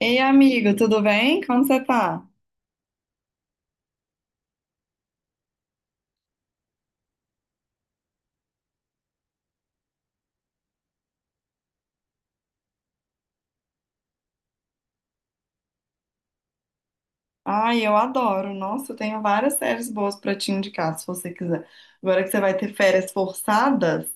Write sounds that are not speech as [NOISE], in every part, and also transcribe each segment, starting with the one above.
Ei, amigo, tudo bem? Como você tá? Ai, eu adoro. Nossa, eu tenho várias séries boas pra te indicar, se você quiser. Agora que você vai ter férias forçadas,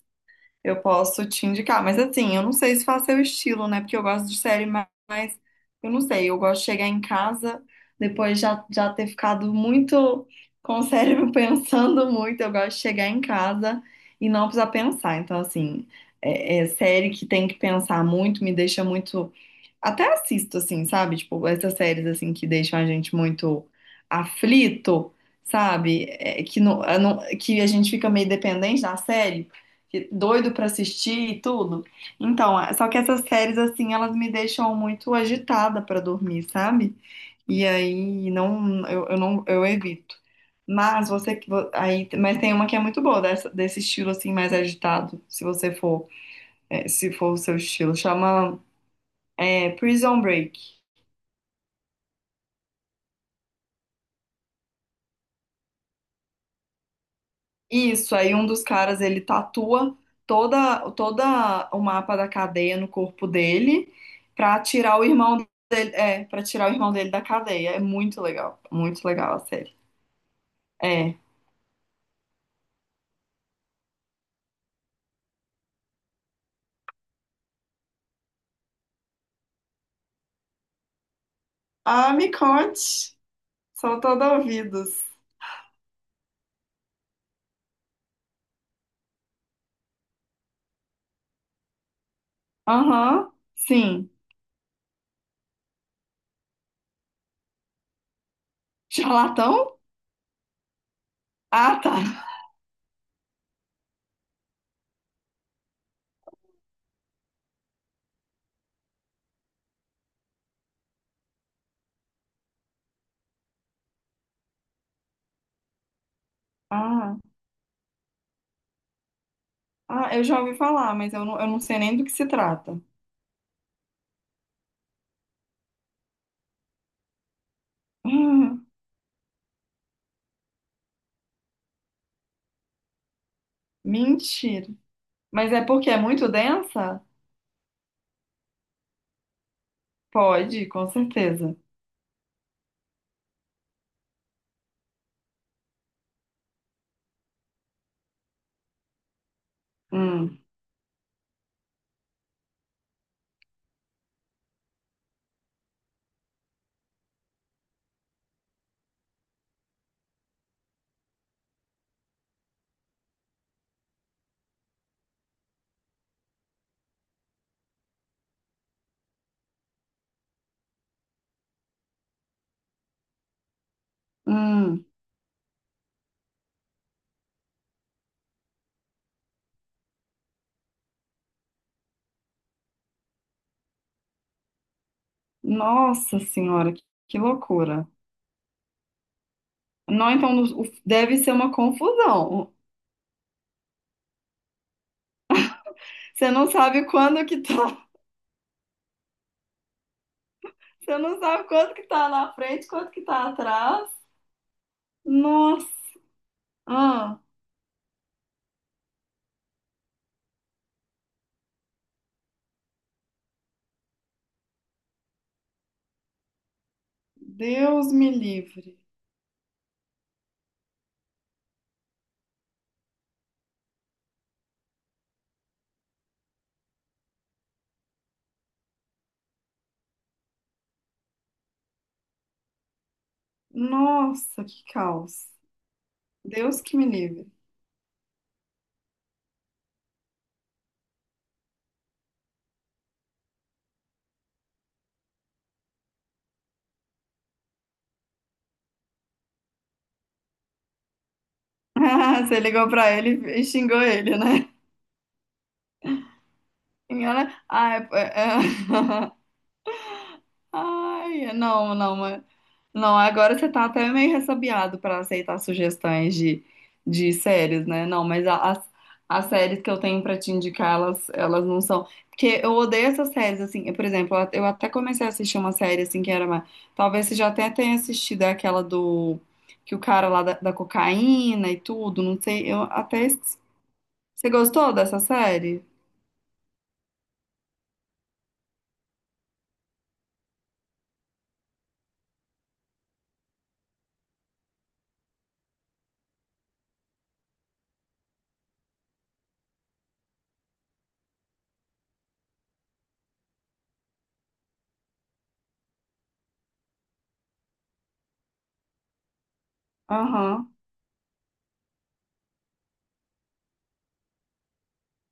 eu posso te indicar. Mas assim, eu não sei se faz seu estilo, né? Porque eu gosto de série mais. Eu não sei, eu gosto de chegar em casa depois já ter ficado muito com o cérebro [LAUGHS] pensando muito. Eu gosto de chegar em casa e não precisar pensar. Então, assim, é série que tem que pensar muito, me deixa muito. Até assisto, assim, sabe? Tipo, essas séries, assim, que deixam a gente muito aflito, sabe? É, que, não, eu não- que a gente fica meio dependente da série, doido pra assistir e tudo. Então, só que essas séries, assim, elas me deixam muito agitada pra dormir, sabe? E aí, não, eu evito. Mas mas tem uma que é muito boa desse estilo assim mais agitado, se você for, se for o seu estilo, chama Prison Break. Isso, aí um dos caras ele tatua toda o mapa da cadeia no corpo dele pra tirar o irmão dele, para tirar o irmão dele da cadeia. É muito legal a série. É. Ah, me conte. Sou toda ouvidos. Aham, sim. Charlatão? Ah, tá. Ah, ah, eu já ouvi falar, mas eu não sei nem do que se trata. [LAUGHS] Ah, mentira. Mas é porque é muito densa? Pode, com certeza. Hum. Hum, nossa senhora, que loucura. Não, então deve ser uma confusão. Você não sabe quando que tá, [LAUGHS] você não sabe quanto que tá na frente, quanto que tá atrás. Nossa, ah, Deus me livre. Nossa, que caos. Deus que me livre. [LAUGHS] Você ligou pra ele e xingou ele, né? E ela, ah. [LAUGHS] Ai, não, não, agora você tá até meio ressabiado para aceitar sugestões de séries, né? Não, mas as, as séries que eu tenho para te indicar, elas não são. Porque eu odeio essas séries, assim. Por exemplo, eu até comecei a assistir uma série, assim, que era uma. Talvez você já até tenha assistido é aquela do. Que o cara lá da cocaína e tudo, não sei. Eu até. Você gostou dessa série? Aham.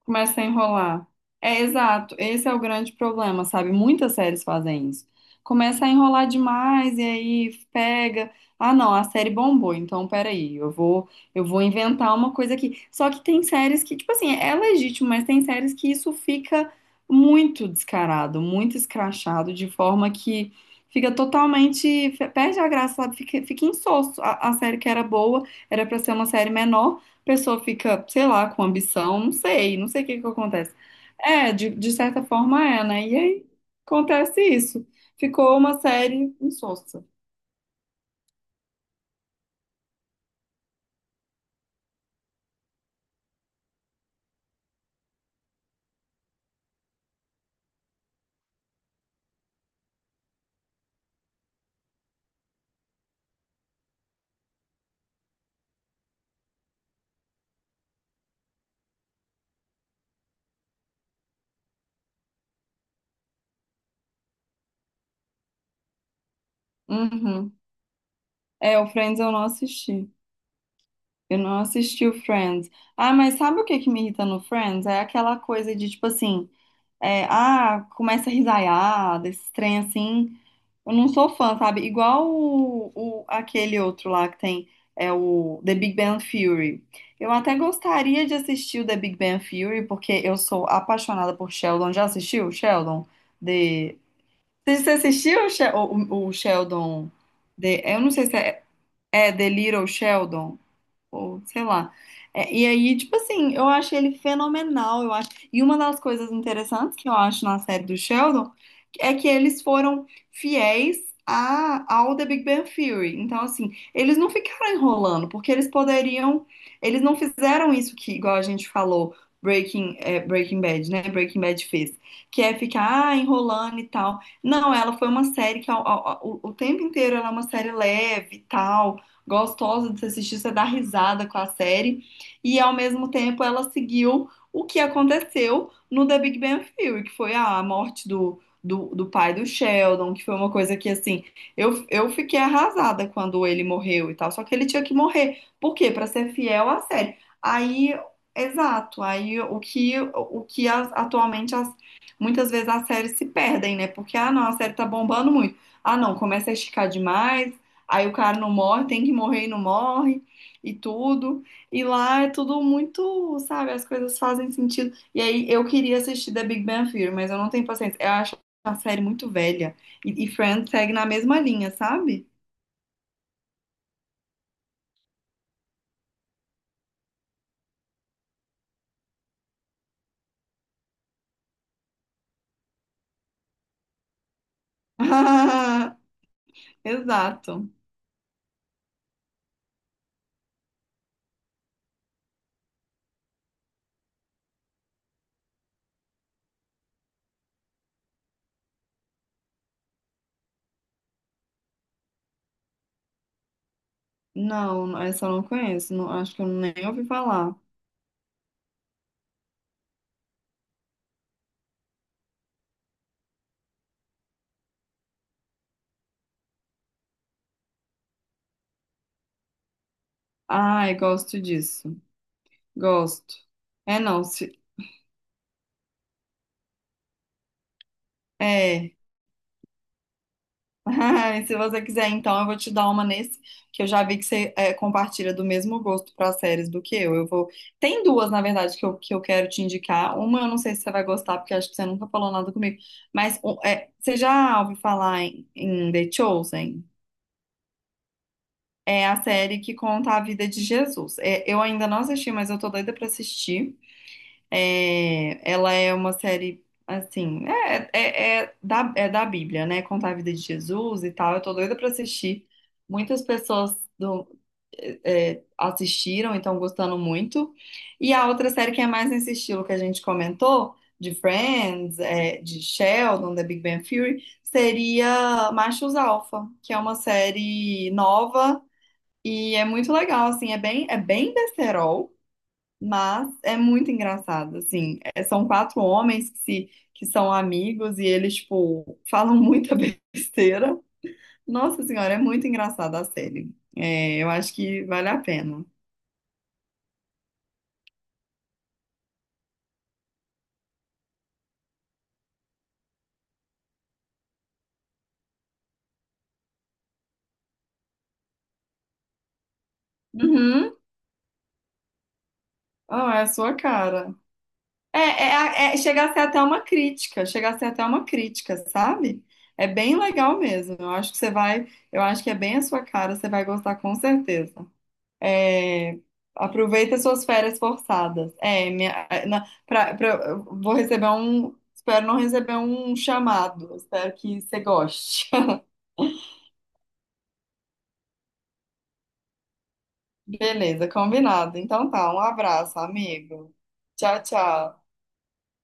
Começa a enrolar. É exato, esse é o grande problema, sabe? Muitas séries fazem isso. Começa a enrolar demais e aí pega. Ah, não, a série bombou, então peraí, eu vou inventar uma coisa aqui. Só que tem séries que, tipo assim, é legítimo, mas tem séries que isso fica muito descarado, muito escrachado, de forma que fica totalmente, perde a graça, sabe? Fica insosso. A série que era boa era pra ser uma série menor pessoa fica, sei lá, com ambição, não sei, não sei o que que acontece. É, de certa forma é, né? E aí acontece isso. Ficou uma série insossa. Uhum. É, o Friends eu não assisti. Eu não assisti o Friends. Ah, mas sabe o que que me irrita no Friends? É aquela coisa de tipo assim, é, ah, começa a risaiar, desse trem assim. Eu não sou fã, sabe? Igual aquele outro lá que tem, é o The Big Bang Theory. Eu até gostaria de assistir o The Big Bang Theory, porque eu sou apaixonada por Sheldon. Já assistiu, Sheldon? The... Você assistiu o Sheldon? The... Eu não sei se é, é The Little Sheldon ou sei lá. É, e aí, tipo assim, eu achei ele fenomenal, eu acho. E uma das coisas interessantes que eu acho na série do Sheldon é que eles foram fiéis ao The Big Bang Theory. Então, assim, eles não ficaram enrolando, porque eles poderiam, eles não fizeram isso que, igual a gente falou, Breaking Bad, né? Breaking Bad fez, que é ficar ah, enrolando e tal. Não, ela foi uma série que o tempo inteiro ela é uma série leve e tal gostosa de se assistir, você dá risada com a série. E ao mesmo tempo ela seguiu o que aconteceu no The Big Bang Theory, que foi a morte do pai do Sheldon, que foi uma coisa que assim, eu fiquei arrasada quando ele morreu e tal. Só que ele tinha que morrer. Por quê? Pra ser fiel à série. Aí, exato, aí o que atualmente as, muitas vezes as séries se perdem, né? Porque, ah, não, a série tá bombando muito. Ah, não, começa a esticar demais, aí o cara não morre, tem que morrer e não morre e tudo. E lá é tudo muito, sabe, as coisas fazem sentido. E aí eu queria assistir The Big Bang Theory, mas eu não tenho paciência. Eu acho a série muito velha. E Friends segue na mesma linha, sabe? [LAUGHS] Exato. Não, essa eu não conheço. Não, acho que eu nem ouvi falar. Ai, gosto disso. Gosto. É não, se, é. [LAUGHS] E se você quiser, então, eu vou te dar uma nesse, que eu já vi que você é, compartilha do mesmo gosto para séries do que eu. Eu vou. Tem duas, na verdade, que eu quero te indicar. Uma eu não sei se você vai gostar, porque acho que você nunca falou nada comigo. Mas um, é, você já ouviu falar em The Chosen? É a série que conta a vida de Jesus. É, eu ainda não assisti, mas eu tô doida para assistir. É, ela é uma série, assim, é da Bíblia, né? Contar a vida de Jesus e tal. Eu tô doida pra assistir. Muitas pessoas assistiram e estão gostando muito. E a outra série que é mais nesse estilo que a gente comentou, de Friends, é, de Sheldon, da Big Bang Theory, seria Machos Alfa, que é uma série nova e é muito legal, assim, é bem besterol. Mas é muito engraçado, assim. É, são quatro homens que, se, que são amigos e eles, tipo, falam muita [LAUGHS] besteira. Nossa Senhora, é muito engraçada a série. É, eu acho que vale a pena. Uhum. Ah, é a sua cara. É, é, é, chega a ser até uma crítica, chega a ser até uma crítica, sabe? É bem legal mesmo. Eu acho que é bem a sua cara, você vai gostar com certeza. É, aproveita suas férias forçadas. É, minha, na, pra, pra- eu vou receber um. Espero não receber um chamado. Espero que você goste. [LAUGHS] Beleza, combinado. Então tá, um abraço, amigo. Tchau, tchau.